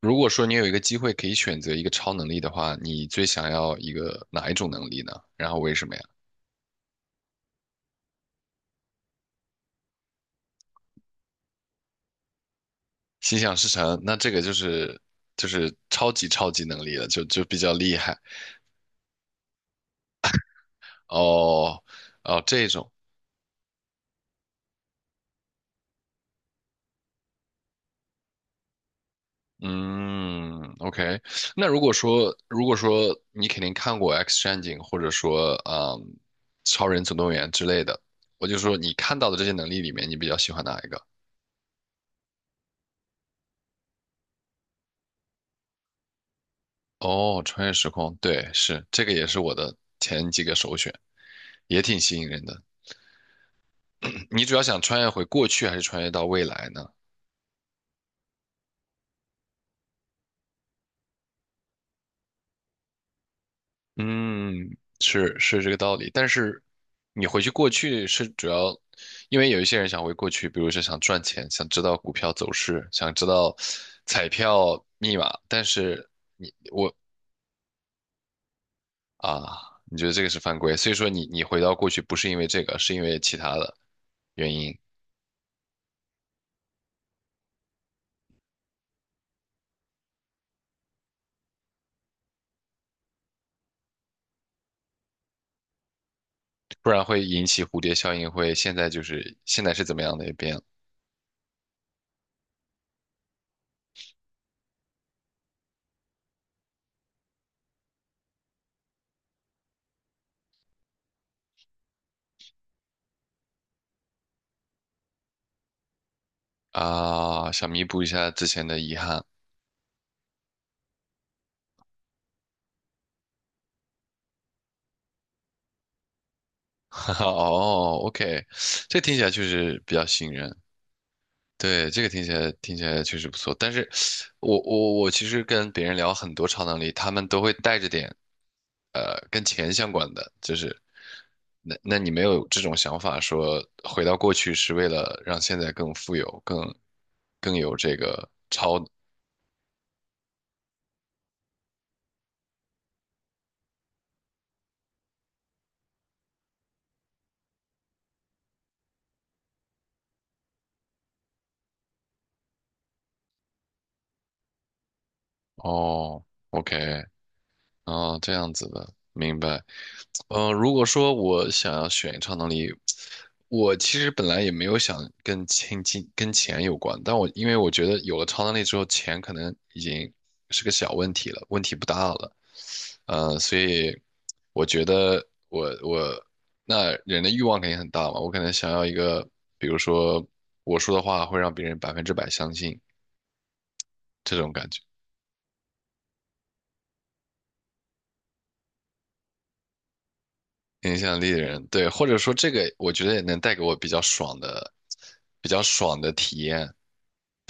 如果说你有一个机会可以选择一个超能力的话，你最想要一个哪一种能力呢？然后为什么呀？心想事成，那这个就是就是超级能力了，就比较厉害。哦，哦这种，嗯，OK。那如果说你肯定看过《X 战警》或者说《超人总动员》之类的，我就说你看到的这些能力里面，你比较喜欢哪一个？哦，穿越时空，对，是这个也是我的前几个首选。也挺吸引人的。嗯，你主要想穿越回过去，还是穿越到未来呢？嗯，是是这个道理。但是你回去过去是主要，因为有一些人想回过去，比如说想赚钱，想知道股票走势，想知道彩票密码，但是啊，你觉得这个是犯规，所以说你回到过去不是因为这个，是因为其他的原因，不然会引起蝴蝶效应，会现在就是现在是怎么样的也变了。啊，想弥补一下之前的遗憾。哦，OK,这听起来确实比较吸引人。对，这个听起来听起来确实不错。但是我其实跟别人聊很多超能力，他们都会带着点跟钱相关的，就是那你没有这种想法，说回到过去是为了让现在更富有，更更有这个。哦，OK,哦这样子的，明白。嗯，如果说我想要选超能力，我其实本来也没有想跟钱有关，但我因为我觉得有了超能力之后，钱可能已经是个小问题了，问题不大了。嗯，所以我觉得那人的欲望肯定很大嘛，我可能想要一个，比如说我说的话会让别人100%相信这种感觉。影响力的人，对，或者说这个，我觉得也能带给我比较爽的、比较爽的体验。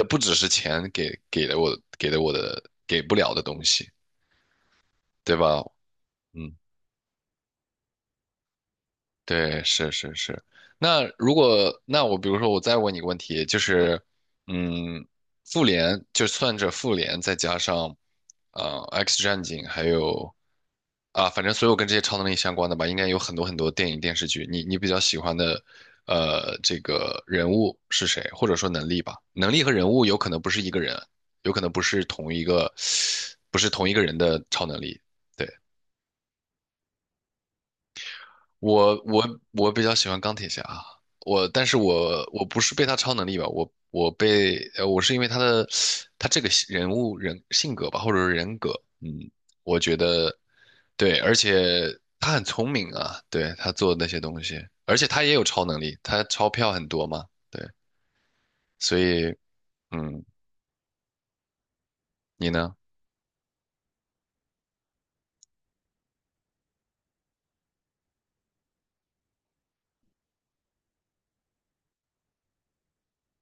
不只是钱给不了的东西，对吧？嗯，对，是是是。那如果那我比如说我再问你个问题，就是，嗯，复联就算着复联再加上，，X 战警还有啊，反正所有跟这些超能力相关的吧，应该有很多很多电影电视剧。你你比较喜欢的，这个人物是谁，或者说能力吧？能力和人物有可能不是一个人，有可能不是同一个，不是同一个人的超能力。对。我比较喜欢钢铁侠，但是我不是被他超能力吧，我是因为他的他这个人物性格吧，或者是人格，嗯，我觉得对，而且他很聪明啊，对他做的那些东西，而且他也有超能力，他钞票很多嘛，对，所以嗯，你呢？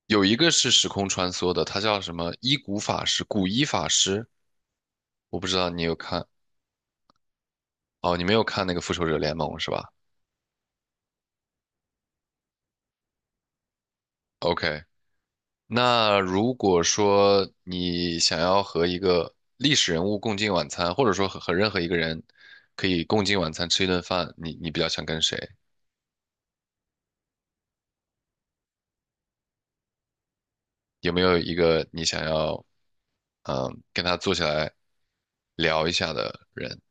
有一个是时空穿梭的，他叫什么伊古法师，古伊法师，我不知道你有看。哦，你没有看那个复仇者联盟是吧？OK,那如果说你想要和一个历史人物共进晚餐，或者说和任何一个人可以共进晚餐吃一顿饭，你你比较想跟谁？有没有一个你想要，嗯，跟他坐下来聊一下的人？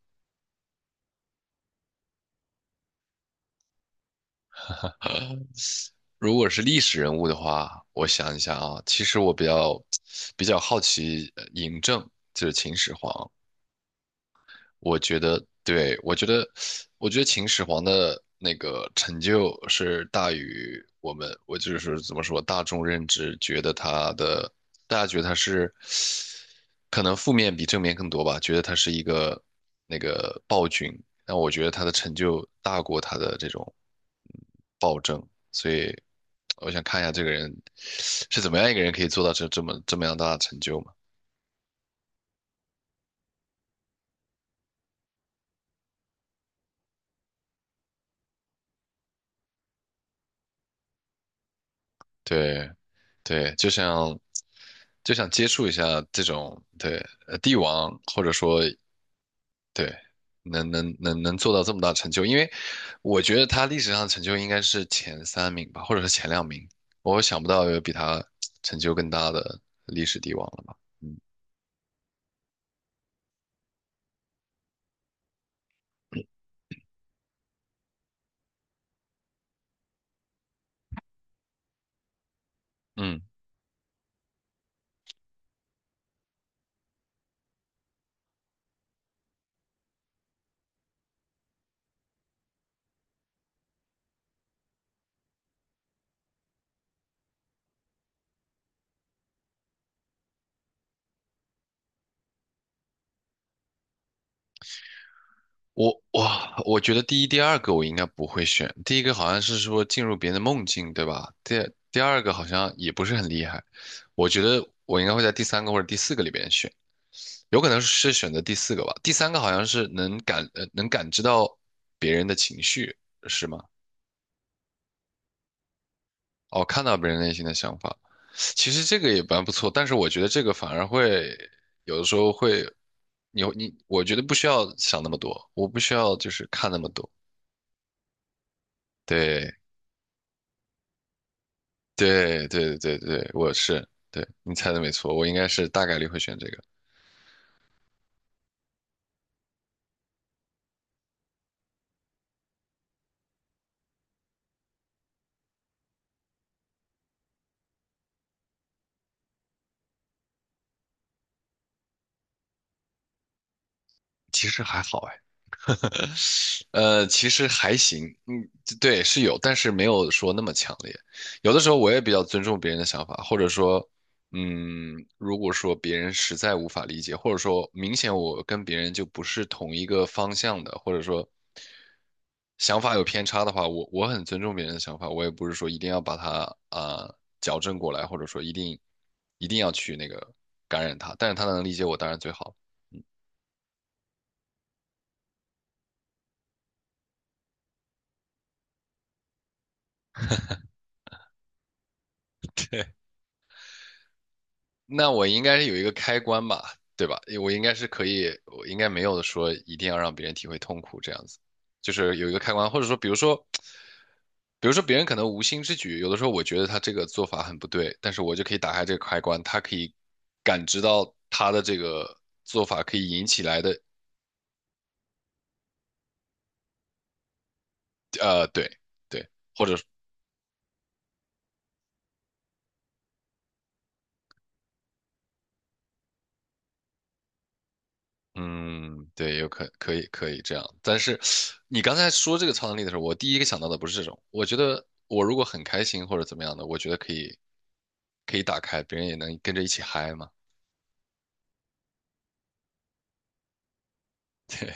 如果是历史人物的话，我想一下啊，其实我比较 比较好奇嬴政，就是秦始皇。我觉得，对，我觉得，我觉得秦始皇的那个成就是大于我们，我就是怎么说，大众认知觉得他的，大家觉得他是，可能负面比正面更多吧，觉得他是一个那个暴君，但我觉得他的成就大过他的这种暴政，所以我想看一下这个人是怎么样一个人可以做到这么样大的成就嘛。对，对，就想就想接触一下这种对帝王，或者说对能做到这么大成就，因为我觉得他历史上的成就应该是前三名吧，或者是前两名，我想不到有比他成就更大的历史帝王了吧。嗯嗯，我哇，我觉得第一、第二个我应该不会选，第一个好像是说进入别人的梦境，对吧？第二个好像也不是很厉害，我觉得我应该会在第三个或者第四个里边选。有可能是选择第四个吧，第三个好像是能感知到别人的情绪，是吗？哦，看到别人内心的想法，其实这个也蛮不错，但是我觉得这个反而会有的时候会，你我觉得不需要想那么多，我不需要就是看那么多，对对对对，对，我是，对，你猜的没错，我应该是大概率会选这个，其实还好哎。其实还行，嗯，对，是有，但是没有说那么强烈。有的时候我也比较尊重别人的想法，或者说，嗯，如果说别人实在无法理解，或者说明显我跟别人就不是同一个方向的，或者说想法有偏差的话，我很尊重别人的想法，我也不是说一定要把它啊、矫正过来，或者说一定要去那个感染他，但是他能理解我，当然最好。那我应该是有一个开关吧，对吧？我应该是可以，我应该没有说一定要让别人体会痛苦这样子，就是有一个开关，或者说，比如说，比如说别人可能无心之举，有的时候我觉得他这个做法很不对，但是我就可以打开这个开关，他可以感知到他的这个做法可以引起来的，对对，或者嗯，对，可以可以这样，但是你刚才说这个超能力的时候，我第一个想到的不是这种。我觉得我如果很开心或者怎么样的，我觉得可以可以打开，别人也能跟着一起嗨嘛。对，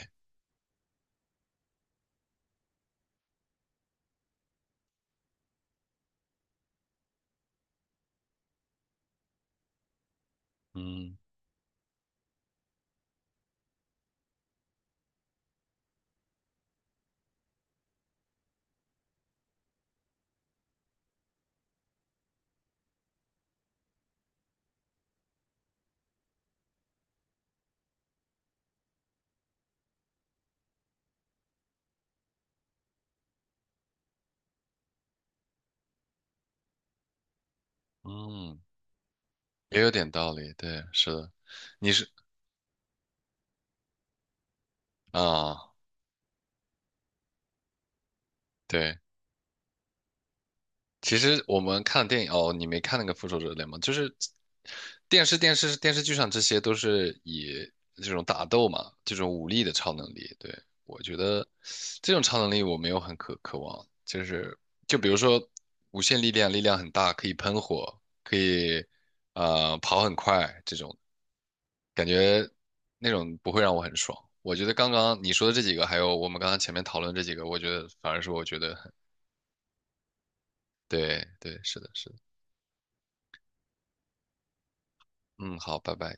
嗯嗯，也有点道理。对，是的，你是啊，对。其实我们看电影哦，你没看那个《复仇者联盟》，就是电视、电视、电视剧上这些都是以这种打斗嘛，这种武力的超能力。对，我觉得这种超能力我没有很渴望，就是就比如说无限力量，力量很大，可以喷火，可以跑很快，这种感觉那种不会让我很爽。我觉得刚刚你说的这几个，还有我们刚刚前面讨论这几个，我觉得反而是我觉得很对对，是的，是的，嗯，好，拜拜。